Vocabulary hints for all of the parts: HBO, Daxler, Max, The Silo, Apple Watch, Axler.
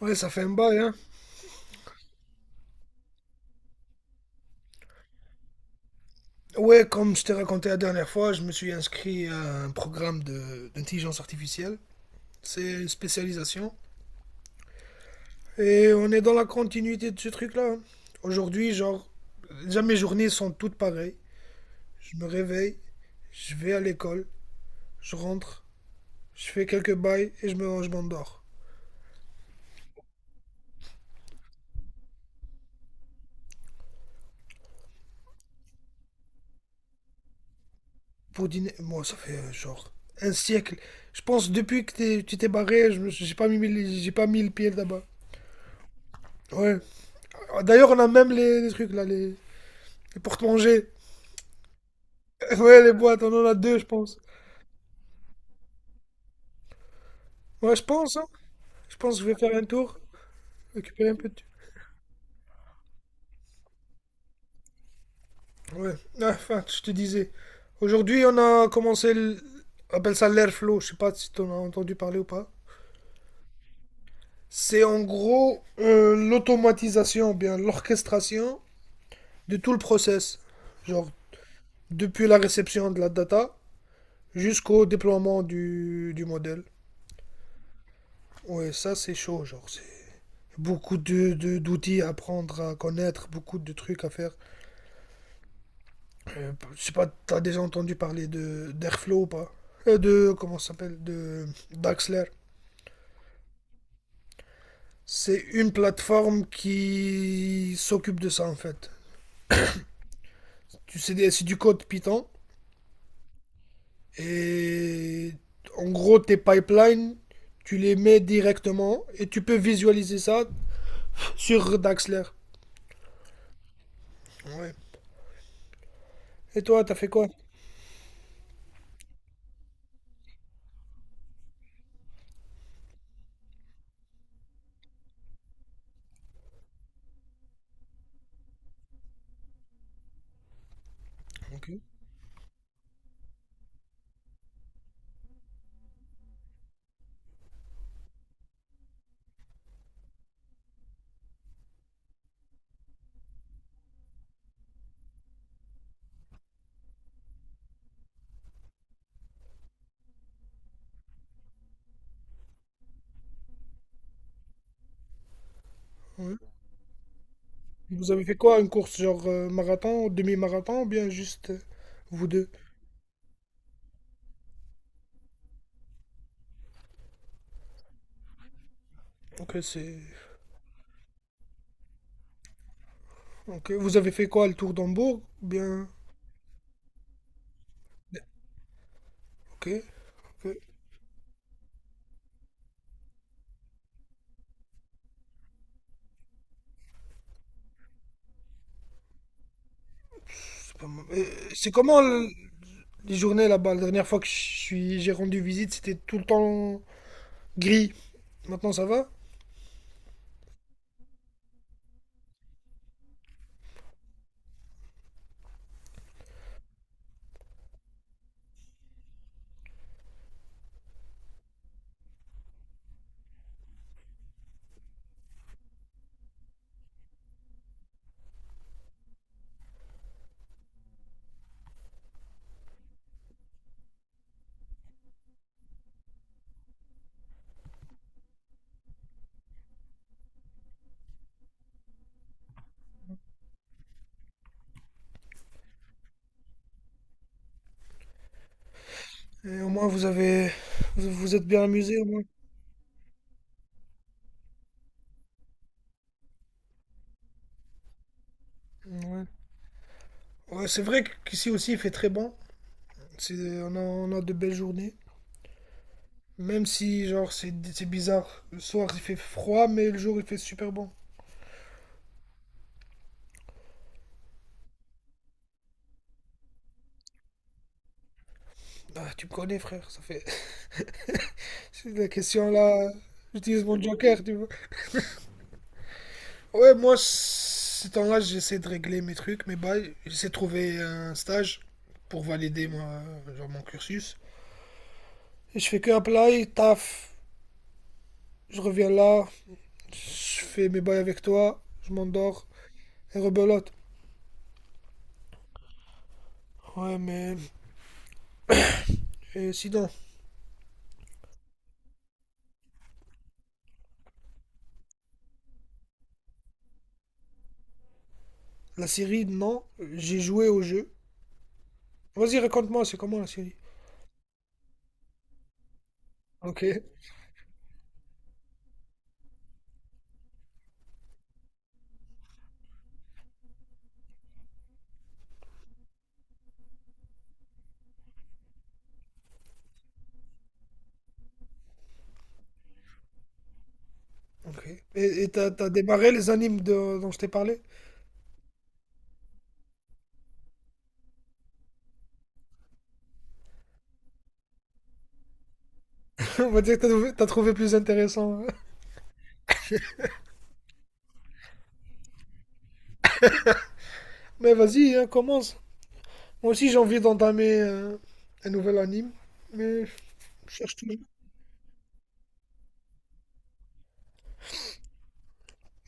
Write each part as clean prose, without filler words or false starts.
Ouais, ça fait un bail, hein. Ouais, comme je t'ai raconté la dernière fois, je me suis inscrit à un programme d'intelligence artificielle. C'est une spécialisation. Et on est dans la continuité de ce truc-là, hein. Aujourd'hui, genre, déjà mes journées sont toutes pareilles. Je me réveille, je vais à l'école, je rentre, je fais quelques bails et je m'endors. Pour dîner, moi, ça fait genre un siècle. Je pense depuis que tu t'es barré, j'ai pas mis, j'ai pas mis le pied là-bas. Ouais. D'ailleurs, on a même les trucs là, les porte-manger. Ouais, les boîtes, on en a deux, je pense. Ouais, je pense, hein. Je pense que je vais faire un tour, récupérer un peu de. Ouais, ah, enfin, je te disais. Aujourd'hui, on a commencé. On appelle ça l'airflow, je sais pas si tu en as entendu parler ou pas. C'est en gros l'automatisation, ou bien l'orchestration de tout le process. Genre, depuis la réception de la data jusqu'au déploiement du modèle. Ouais, ça c'est chaud, genre, c'est beaucoup d'outils à apprendre, à connaître, beaucoup de trucs à faire. Je sais pas, t'as déjà entendu parler de d'Airflow ou pas? Comment ça s'appelle? De d'Axler. C'est une plateforme qui s'occupe de ça en fait. Tu sais, c'est du code Python et en gros tes pipelines, tu les mets directement et tu peux visualiser ça sur Daxler. Ouais. Et toi, t'as fait quoi? Ok. Ouais. Vous avez fait quoi? Une course genre marathon, demi-marathon ou bien juste vous deux? Ok, c'est. Ok, vous avez fait quoi, le tour d'Hambourg? Bien. Ok, ok, c'est pas mal. Et c'est comment les journées là-bas? La dernière fois que j'ai rendu visite, c'était tout le temps gris. Maintenant, ça va? Et au moins, vous vous êtes bien amusé au moins. Ouais. Ouais, c'est vrai qu'ici aussi, il fait très bon. C'est, on a de belles journées. Même si, genre, c'est bizarre. Le soir, il fait froid, mais le jour, il fait super bon. Ah, tu me connais, frère. C'est la question là. J'utilise mon joker, tu vois. Ouais, moi, ce temps-là, j'essaie de régler mes trucs, mes bails. J'essaie de trouver un stage pour valider moi, genre mon cursus. Et je fais que apply, taf, je reviens là, je fais mes bails avec toi, je m'endors et rebelote. Ouais, mais et sinon, la série, non, j'ai joué au jeu. Vas-y, raconte-moi, c'est comment la série? Ok, ok. Et t'as démarré les animes dont je t'ai parlé? On va dire que t'as trouvé plus intéressant. Mais vas-y, hein, commence. Moi aussi, j'ai envie d'entamer un nouvel anime, mais je cherche toujours.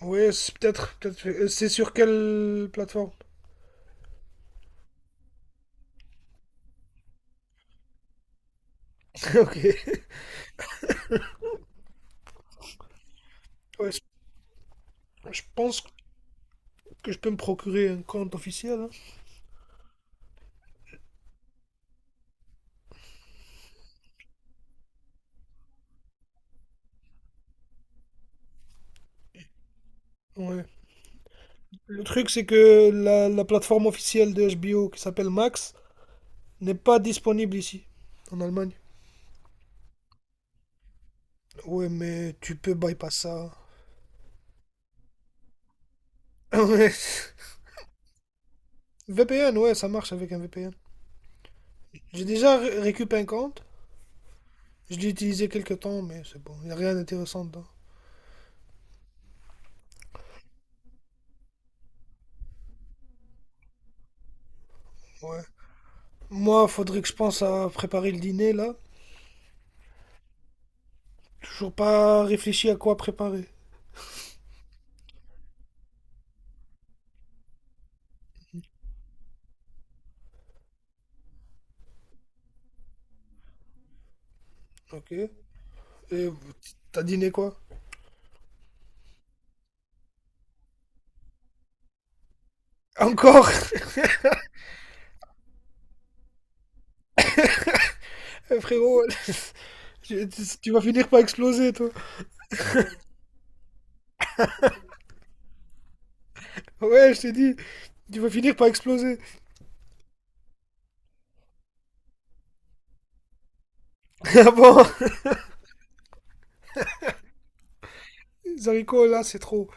Ouais, c'est peut-être, peut-être. C'est sur quelle plateforme? Ok. Ouais, je pense que je peux me procurer un compte officiel. Hein. Ouais. Le truc, c'est que la plateforme officielle de HBO qui s'appelle Max n'est pas disponible ici, en Allemagne. Ouais, mais tu peux bypass ça. Ouais. VPN, ouais, ça marche avec un VPN. J'ai déjà récupéré un compte. Je l'ai utilisé quelques temps, mais c'est bon. Il n'y a rien d'intéressant dedans. Ouais. Moi, faudrait que je pense à préparer le dîner là. Toujours pas réfléchi à quoi préparer. Ok. Et t'as dîné quoi? Encore? Eh, frérot, tu vas finir par exploser toi. Ouais, je t'ai dit. Tu vas finir par exploser. Ah bon? Les haricots là, c'est trop.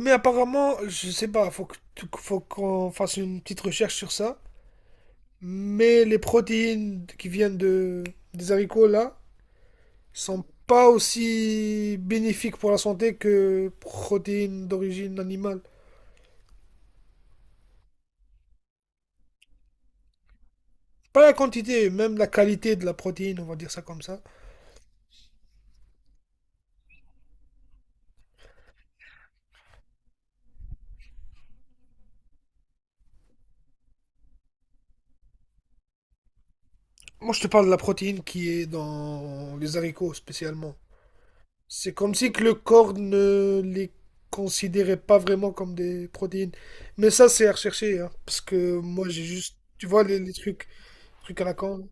Mais apparemment, je sais pas, faut qu'on fasse une petite recherche sur ça. Mais les protéines qui viennent des haricots là, sont pas aussi bénéfiques pour la santé que protéines d'origine animale. Pas la quantité, même la qualité de la protéine, on va dire ça comme ça. Moi, je te parle de la protéine qui est dans les haricots spécialement. C'est comme si que le corps ne les considérait pas vraiment comme des protéines. Mais ça, c'est à rechercher, hein, parce que moi, j'ai juste, tu vois, les trucs à la con,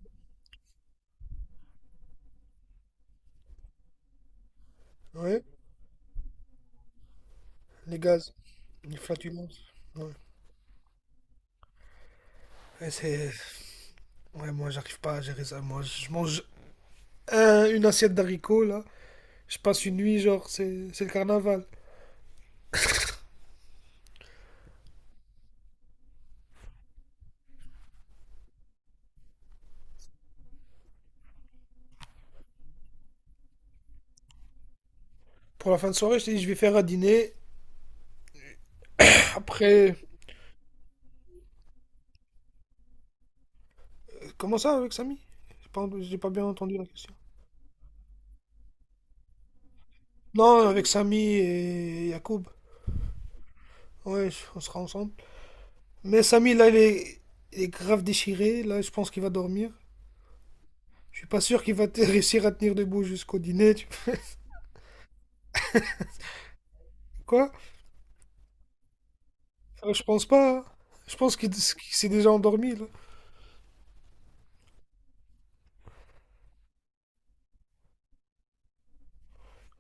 ouais, les gaz, les flatulences, ouais. Et ouais, moi, j'arrive pas à gérer ça. Moi, je mange une assiette d'haricots, là. Je passe une nuit, genre, c'est le carnaval. Pour la fin de soirée, je t'ai dit je vais faire un dîner. Après, comment ça avec Samy? J'ai pas bien entendu la question. Non, avec Samy et Yacoub. Ouais, on sera ensemble. Mais Samy, là, il est grave déchiré. Là, je pense qu'il va dormir. Je suis pas sûr qu'il va réussir à tenir debout jusqu'au dîner. Tu. Quoi? Je pense pas, hein. Je pense qu'il s'est déjà endormi, là.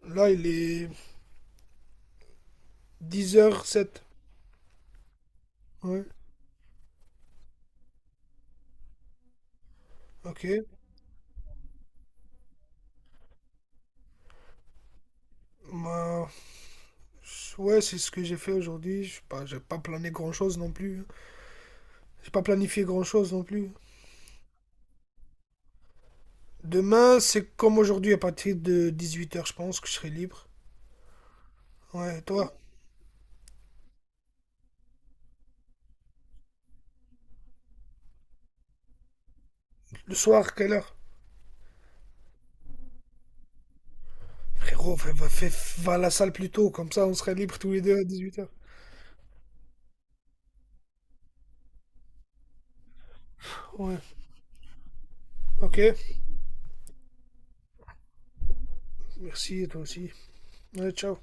Là, il est 10h07. Ouais, ok. Bah, ouais, c'est ce que j'ai fait aujourd'hui. Je sais pas, j'ai pas plané grand chose non plus. J'ai pas planifié grand chose non plus. Demain, c'est comme aujourd'hui, à partir de 18h, je pense que je serai libre. Ouais, et toi, le soir, quelle heure? Frérot, va à la salle plus tôt, comme ça on sera libre tous les deux à 18h. Ouais, ok. Merci, et toi aussi. Ouais, ciao.